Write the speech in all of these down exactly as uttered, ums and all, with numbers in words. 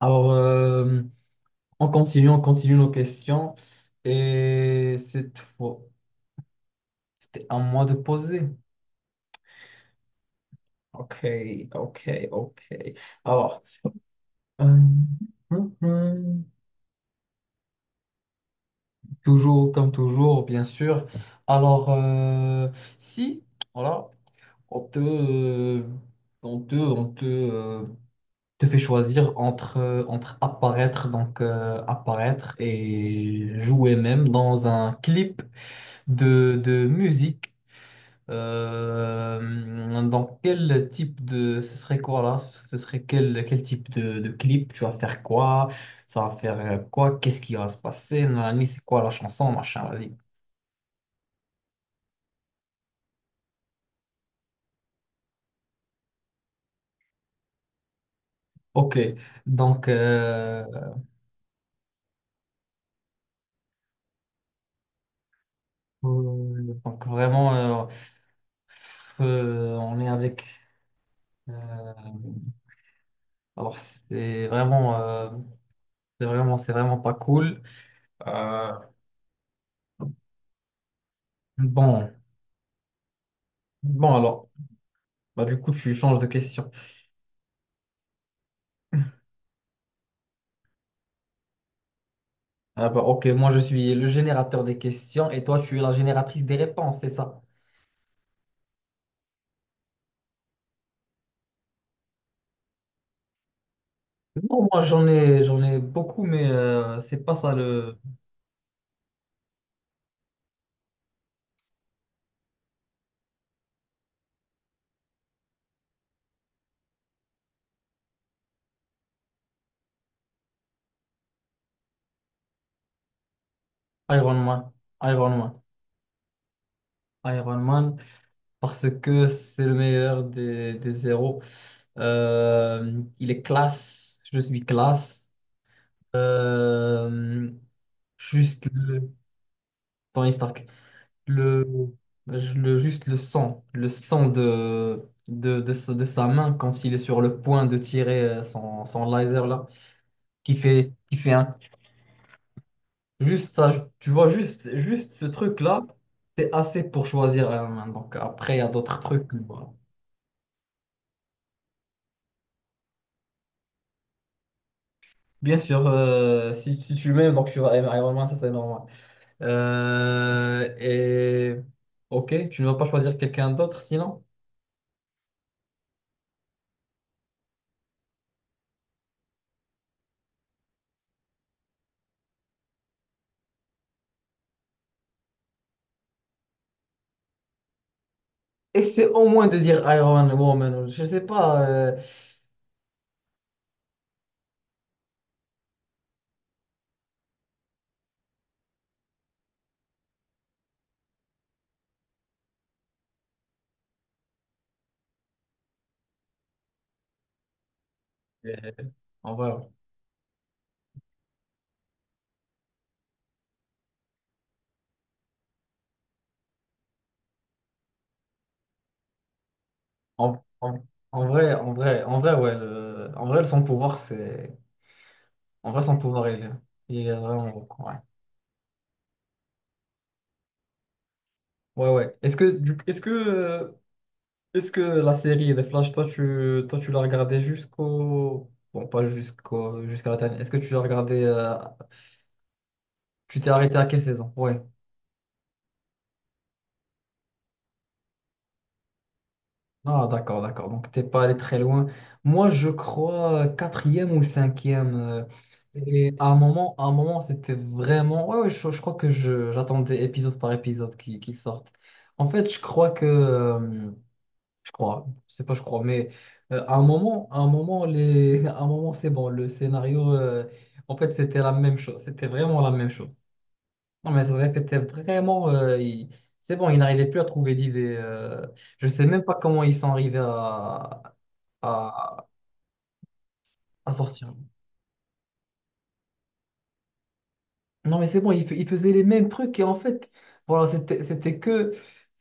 Alors, euh, on continue, on continue nos questions. Et cette fois, c'était à moi de poser. Ok, ok, ok. Alors, euh, hum, hum, toujours comme toujours, bien sûr. Alors, euh, si, voilà, on te, euh, on te, on te, euh, te fait choisir entre, euh, entre apparaître, donc euh, apparaître et jouer même dans un clip de, de musique. Euh, dans quel type de... Ce serait quoi là? Ce serait quel, quel type de, de clip? Tu vas faire quoi? Ça va faire euh, quoi? Qu'est-ce qui va se passer? Nanani, c'est quoi la chanson? Machin, vas-y. Ok, donc, euh, euh, donc vraiment, euh, euh, on est avec... euh, alors, c'est vraiment, euh, c'est vraiment, c'est vraiment pas cool. Euh, bon, bon alors, bah, du coup, tu changes de question. Ah bah, ok, moi je suis le générateur des questions et toi tu es la génératrice des réponses, c'est ça? Non, moi j'en ai, j'en ai beaucoup, mais euh, c'est pas ça le. Iron Man. Iron Man. Iron Man, parce que c'est le meilleur des, des zéros. Euh, il est classe, je suis classe. Euh, juste le Tony Stark. le, le juste le sang, le sang de, de, de, ce- de sa main quand il est sur le point de tirer euh, son, son laser là, qui fait, qui fait un, juste ça, tu vois, juste, juste ce truc là, c'est assez pour choisir la main. Donc après, il y a d'autres trucs. Voilà. Bien sûr, euh, si, si tu m'aimes, donc tu vas aimer Iron Man, ça c'est normal. Euh, et ok, tu ne vas pas choisir quelqu'un d'autre sinon? Essaie au moins de dire Iron Woman. Je sais pas. Euh, euh, en vrai, en, en- en vrai, en vrai, en vrai, ouais. Le- en vrai, son pouvoir, c'est. En vrai, son pouvoir, il est, il est vraiment. Ouais, ouais. ouais. Est-ce que, du- est-ce que, euh, est-ce que la série des Flash, toi tu, toi, tu l'as regardée jusqu'au... Bon, pas jusqu'au, jusqu'à la dernière. Est-ce que tu l'as regardée... euh, tu t'es arrêté à quelle saison? Ouais. Ah, d'accord, d'accord. Donc, t'es pas allé très loin. Moi, je crois euh, quatrième ou cinquième. Euh, et à un moment, à un moment, c'était vraiment... Ouais, ouais, je, je crois que je, j'attendais épisode par épisode qui, qui sortent. En fait, je crois que... euh, je crois, je sais pas, je crois, mais euh, à un moment, à un moment, les... à un moment, c'est bon, le scénario, euh, en fait, c'était la même chose, c'était vraiment la même chose. Non, mais ça se répétait vraiment, euh, il- c'est bon, ils n'arrivaient plus à trouver d'idées. Euh, je sais même pas comment ils sont arrivés à, à, à sortir. Non, mais c'est bon, il, fais- il faisait les mêmes trucs et en fait, voilà, c'était c'était que,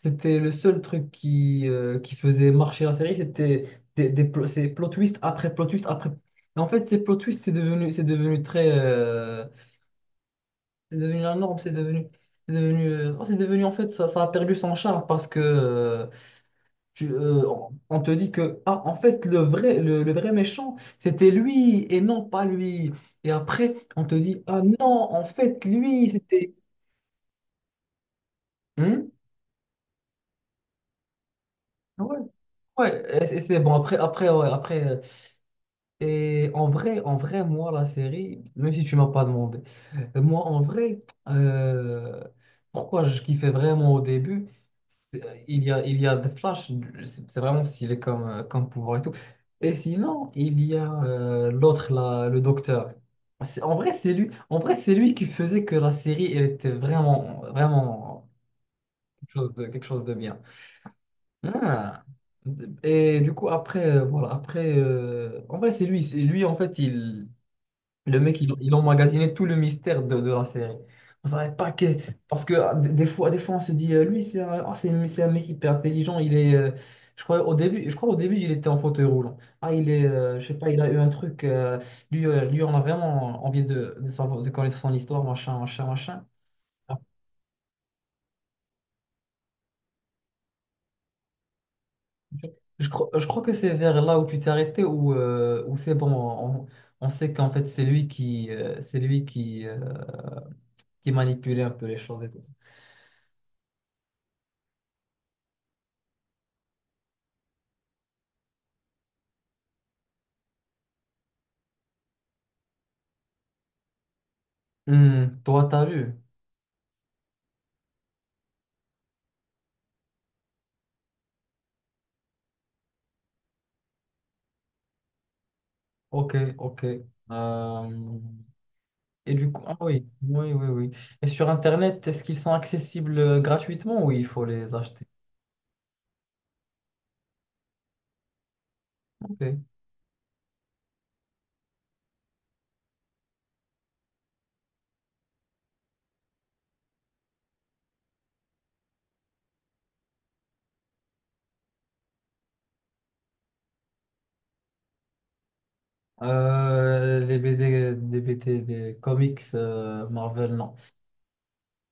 c'était le seul truc qui, euh, qui faisait marcher la série, c'était des, des plo- c'est plot twist après plot twist après. Et en fait, ces plot twists, c'est devenu, c'est devenu très. Euh, c'est devenu la norme, c'est devenu. C'est devenu, euh, oh, c'est devenu, en fait, ça, ça a perdu son charme parce que euh, tu, euh, on on te dit que, ah, en fait, le vrai, le, le vrai méchant, c'était lui et non pas lui. Et après, on te dit, ah non, en fait, lui, c'était. Hmm. Ouais, ouais, et c'est c'est bon. Après, après, ouais, après. Euh, et en vrai, en vrai, moi, la série, même si tu m'as pas demandé, euh, moi, en vrai, euh, pourquoi je kiffais vraiment au début, c'est, euh, il y a, il y a des flashs, du- c'est c'est vraiment stylé comme, euh, comme pouvoir et tout. Et sinon, il y a euh, l'autre, là, le docteur. C'est- En vrai, c'est lui, en vrai, c'est lui qui faisait que la série, elle était vraiment, vraiment quelque chose de, quelque chose de bien. Ah. Et du coup, après, euh, voilà, après, euh, en vrai, c'est lui, c'est lui, en fait, il, le mec, il, il emmagasinait tout le mystère de, de la série. On savait pas que, parce que ah, des des fois, des fois, on se dit, euh, lui, c'est un, ah, c'est, un c'est un mec hyper intelligent, il est, euh, je crois, au début, je crois, au début, il était en fauteuil roulant. Ah, il est, euh, je sais pas, il a eu un truc, euh, lui, euh, lui, on a vraiment envie de, de savoir, de connaître son histoire, machin, machin, machin. Je crois, je crois que c'est vers là où tu t'es arrêté, où, euh, où c'est bon, on, on sait qu'en fait c'est lui qui, euh, c'est lui qui, euh, qui manipulait un peu les choses et tout. Hmm, toi, t'as lu. Ok, ok. Euh, et du coup, ah oui, oui, oui, oui. Et sur Internet, est-ce qu'ils sont accessibles euh, gratuitement ou il faut les acheter? Ok. Euh, les B D, des B D, des comics euh, Marvel, non.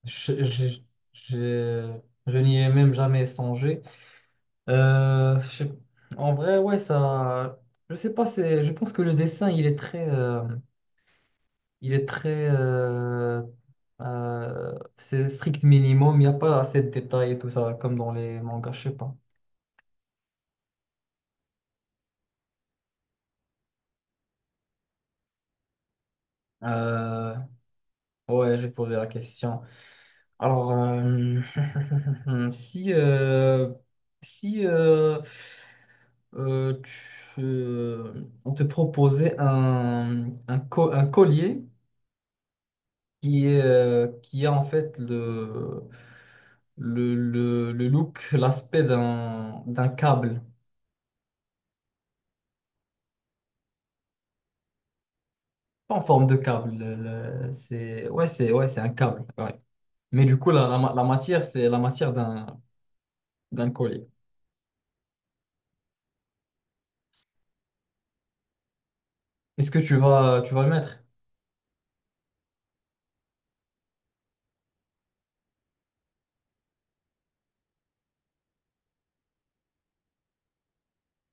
Je, je, je, je n'y ai même jamais songé. Euh, je sais- En vrai, ouais, ça. Je sais pas, c'est. Je pense que le dessin, il est très. Euh, il est très. euh, euh, C'est strict minimum. Il n'y a pas assez de détails et tout ça, comme dans les mangas, je sais pas. Euh. Ouais, j'ai posé la question. Alors, euh, si. euh, Si. euh, euh, tu- euh, On te proposait un, un, co- un collier qui est, euh, qui a en fait le, le, le, le look, l'aspect d'un d'un câble. Pas en forme de câble. le- le- c'est, ouais, c'est ouais, c'est un câble. Ouais. Mais du coup, la, la, ma- la matière, c'est la matière d'un d'un collier. Est-ce que tu vas, tu vas le mettre?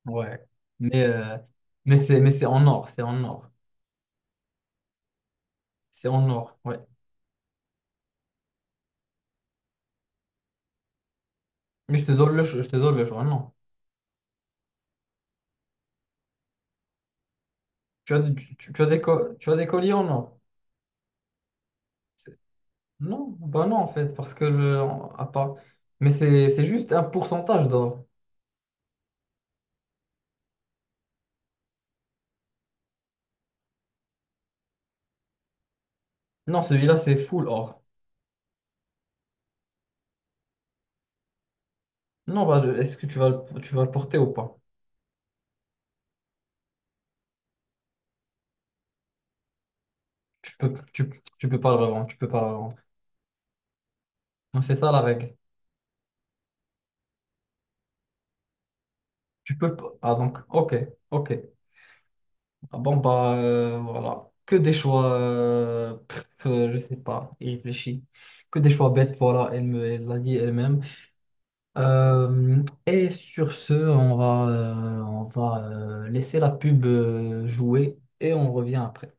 Ouais. Mais, euh, mais c'est mais c'est en or. C'est en or. C'est en or. Ouais. Mais je te donne le, cho- je te donne le choix. Non. Tu as, tu, tu as des, co- tu as des colliers en or. Non, bah non en fait, parce que le... à part... Mais c'est c'est juste un pourcentage d'or. Non, celui-là c'est full or. Non, bah je- est-ce que tu vas le... tu vas le porter ou pas? Tu peux tu, tu peux pas le revendre, tu peux pas le revendre. Non, c'est ça la règle. Tu peux pas. Ah donc, ok, ok. Ah bon bah euh, voilà. Que des choix euh, pff, euh, je sais pas, il réfléchit. Que des choix bêtes, voilà, elle me elle l'a dit elle-même. Euh, et sur ce, on va, euh, on va euh, laisser la pub euh, jouer et on revient après.